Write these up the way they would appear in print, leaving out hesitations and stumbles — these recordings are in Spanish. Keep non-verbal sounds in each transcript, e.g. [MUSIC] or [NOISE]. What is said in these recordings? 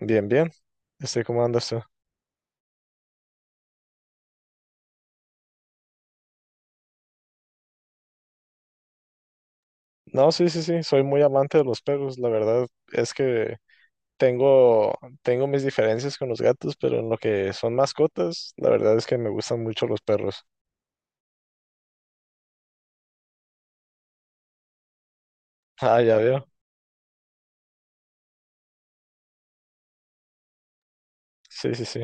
Bien, bien. Estoy, ¿como anda usted? No, sí, sí, sí. Soy muy amante de los perros. La verdad es que tengo mis diferencias con los gatos, pero en lo que son mascotas, la verdad es que me gustan mucho los perros. Ah, ya veo. Sí, sí, sí.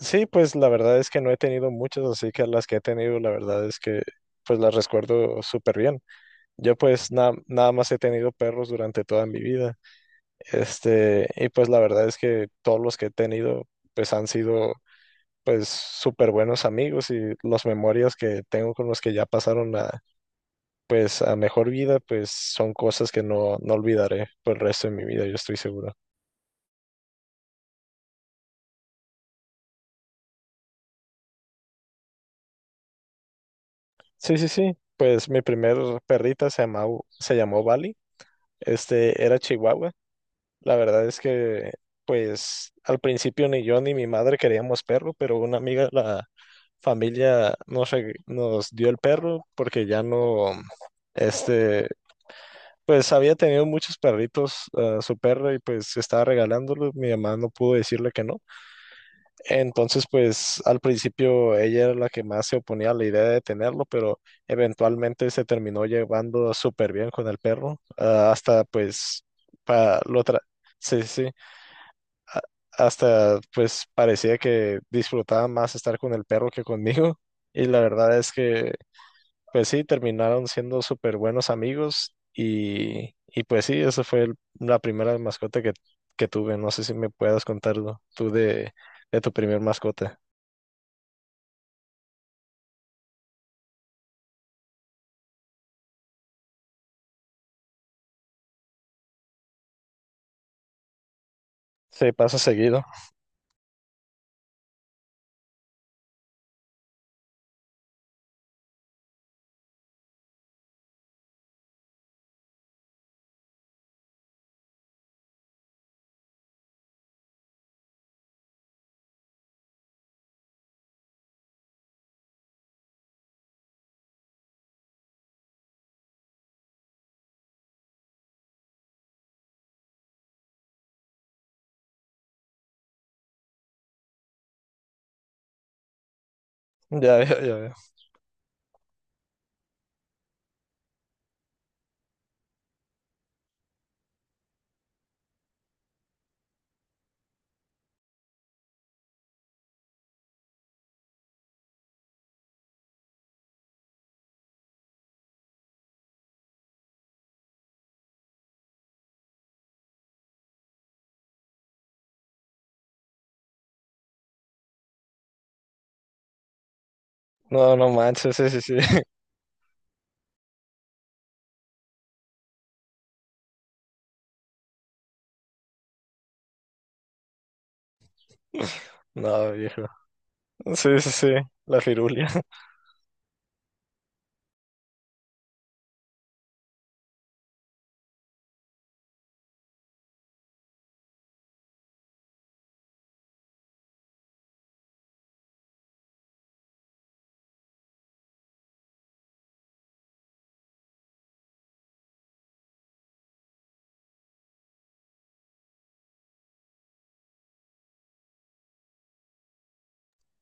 Sí, pues la verdad es que no he tenido muchas, así que las que he tenido, la verdad es que pues las recuerdo súper bien. Yo pues nada más he tenido perros durante toda mi vida. Y pues la verdad es que todos los que he tenido pues han sido pues súper buenos amigos y las memorias que tengo con los que ya pasaron a, pues a mejor vida, pues son cosas que no, no olvidaré por el resto de mi vida, yo estoy seguro. Sí, sí, sí, pues mi primer perrita se llamó Bali, era Chihuahua, la verdad es que pues al principio ni yo ni mi madre queríamos perro, pero una amiga de la familia nos dio el perro porque ya no... Este, pues había tenido muchos perritos, ah, su perro, y pues estaba regalándolo. Mi mamá no pudo decirle que no. Entonces, pues al principio ella era la que más se oponía a la idea de tenerlo, pero eventualmente se terminó llevando súper bien con el perro. Ah, hasta pues, pa, lo tra- sí, sí, a- hasta pues parecía que disfrutaba más estar con el perro que conmigo. Y la verdad es que pues sí, terminaron siendo súper buenos amigos y, pues sí, esa fue la primera mascota que tuve. No sé si me puedas contarlo tú de tu primer mascota. Sí, pasa seguido. [LAUGHS] Ya, ya, ya. Veo. No, no manches, sí, sí, sí. [LAUGHS] No, viejo. Sí, sí, sí, la firulia. [LAUGHS]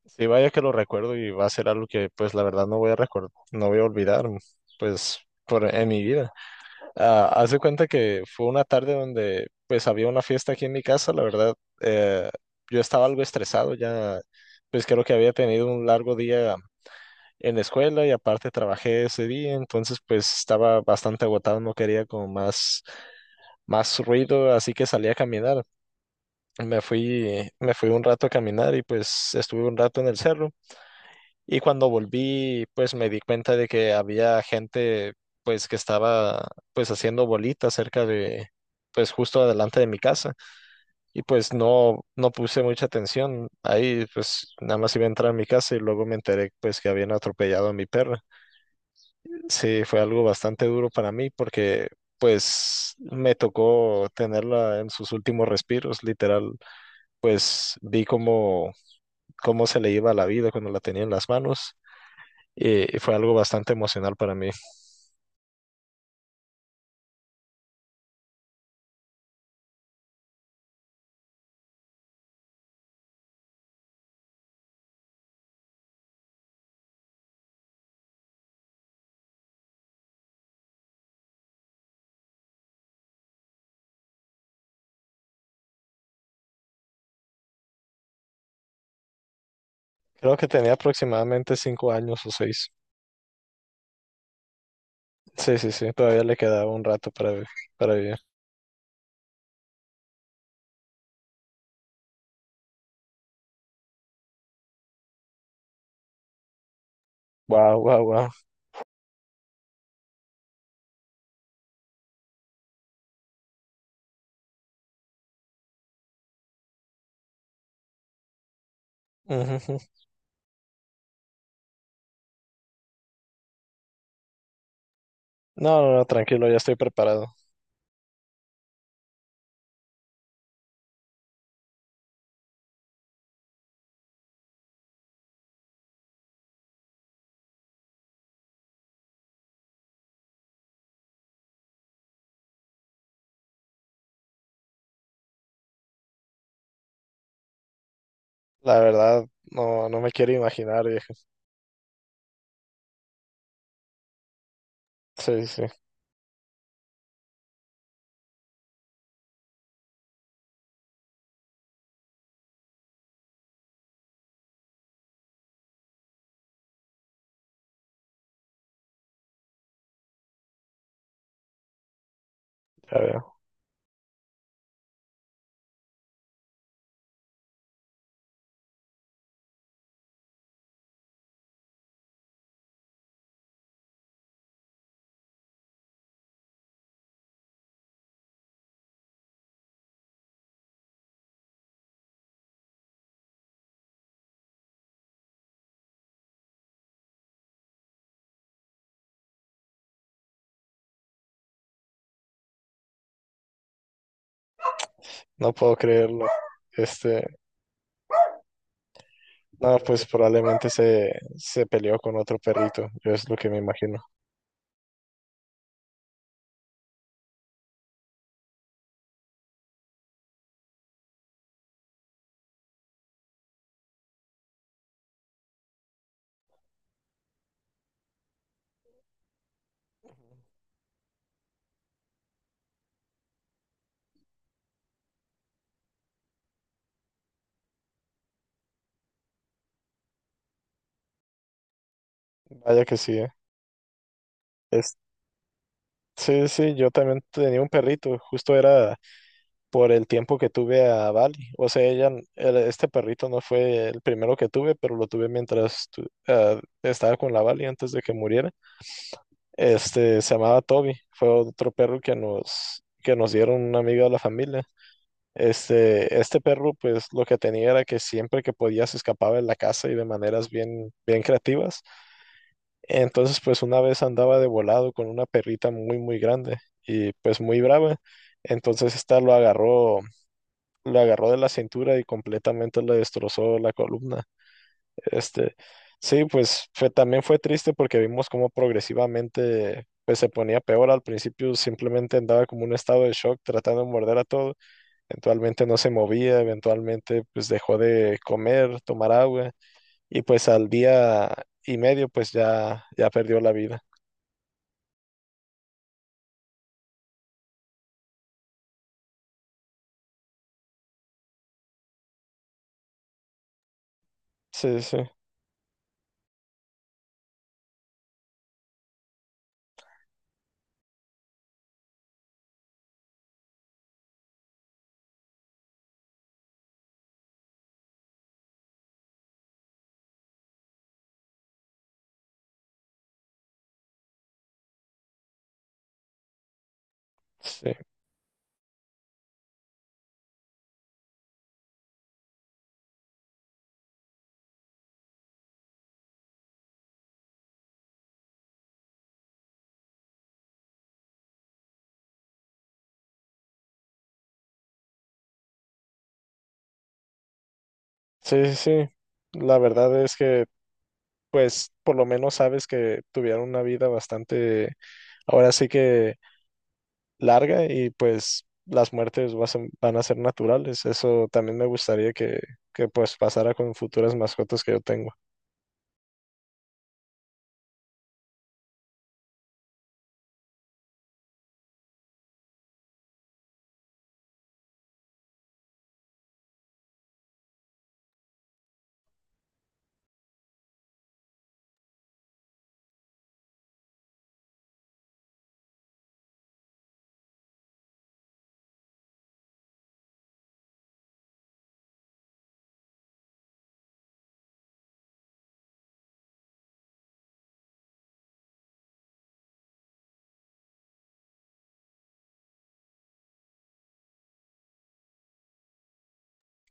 Sí, vaya que lo recuerdo y va a ser algo que pues la verdad no voy a recordar, no voy a olvidar, pues por en mi vida. Ah, hace cuenta que fue una tarde donde pues había una fiesta aquí en mi casa, la verdad, eh, yo estaba algo estresado ya, pues creo que había tenido un largo día en la escuela y aparte trabajé ese día, entonces pues estaba bastante agotado, no quería como más ruido, así que salí a caminar. Me fui un rato a caminar y pues estuve un rato en el cerro. Y cuando volví, pues me di cuenta de que había gente, pues que estaba, pues haciendo bolitas cerca de, pues justo adelante de mi casa. Y pues no, no puse mucha atención. Ahí, pues nada más iba a entrar a mi casa y luego me enteré, pues que habían atropellado a mi perra. Sí, fue algo bastante duro para mí porque, pues me tocó tenerla en sus últimos respiros, literal. Pues vi cómo se le iba la vida cuando la tenía en las manos. Y, fue algo bastante emocional para mí. Creo que tenía aproximadamente 5 años o 6. Sí, sí, sí, todavía le quedaba un rato para, para vivir. Wow, wow, wow. Ujú. No, no, no, tranquilo, ya estoy preparado. La verdad, no, no me quiero imaginar, viejo. Sí, sí, ya veo. No puedo creerlo. Este, no, pues probablemente se peleó con otro perrito, yo es lo que me imagino. Vaya que sí, ¿eh? Es, sí, sí, yo también tenía un perrito, justo era por el tiempo que tuve a Bali. O sea, este perrito no fue el primero que tuve, pero lo tuve mientras estaba con la Bali antes de que muriera. Se llamaba Toby, fue otro perro que nos dieron una amiga de la familia. Este perro, pues lo que tenía era que siempre que podía se escapaba de la casa y de maneras bien, bien creativas. Entonces, pues una vez andaba de volado con una perrita muy, muy grande y pues muy brava. Entonces, esta lo agarró de la cintura y completamente le destrozó la columna. Este, sí, pues fue, también fue triste porque vimos cómo progresivamente pues, se ponía peor. Al principio simplemente andaba como un estado de shock tratando de morder a todo. Eventualmente no se movía, eventualmente pues dejó de comer, tomar agua y pues al día y medio pues ya, ya perdió la vida. Sí, sí, sí, sí, sí, sí. La verdad es que pues por lo menos sabes que tuvieron una vida bastante, ahora sí que larga y pues las muertes van a ser naturales. Eso también me gustaría que pues pasara con futuras mascotas que yo tengo.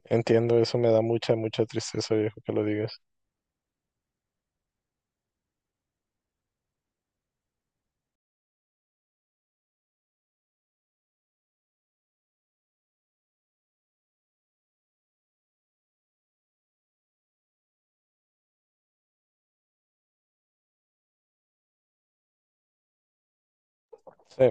Entiendo, eso me da mucha, mucha tristeza, viejo, que lo digas. Sí.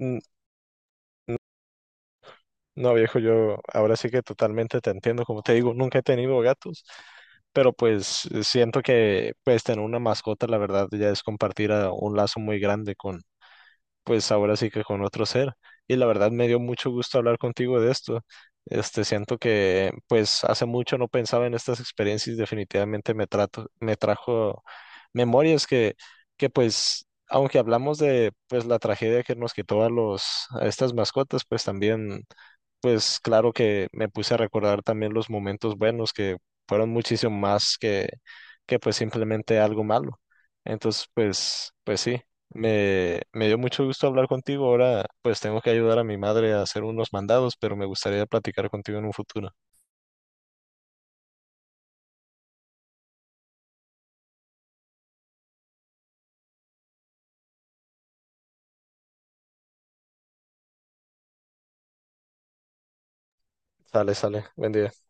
Mm. No, viejo, yo ahora sí que totalmente te entiendo. Como te digo, nunca he tenido gatos, pero pues siento que pues tener una mascota, la verdad, ya es compartir a un lazo muy grande con pues ahora sí que con otro ser. Y la verdad me dio mucho gusto hablar contigo de esto. Siento que pues hace mucho no pensaba en estas experiencias y definitivamente me trato, me trajo memorias que pues, aunque hablamos de pues la tragedia que nos quitó a los, a estas mascotas, pues también pues claro que me puse a recordar también los momentos buenos que fueron muchísimo más que pues simplemente algo malo. Entonces, pues sí, me dio mucho gusto hablar contigo. Ahora, pues tengo que ayudar a mi madre a hacer unos mandados, pero me gustaría platicar contigo en un futuro. Sale, sale. Buen día.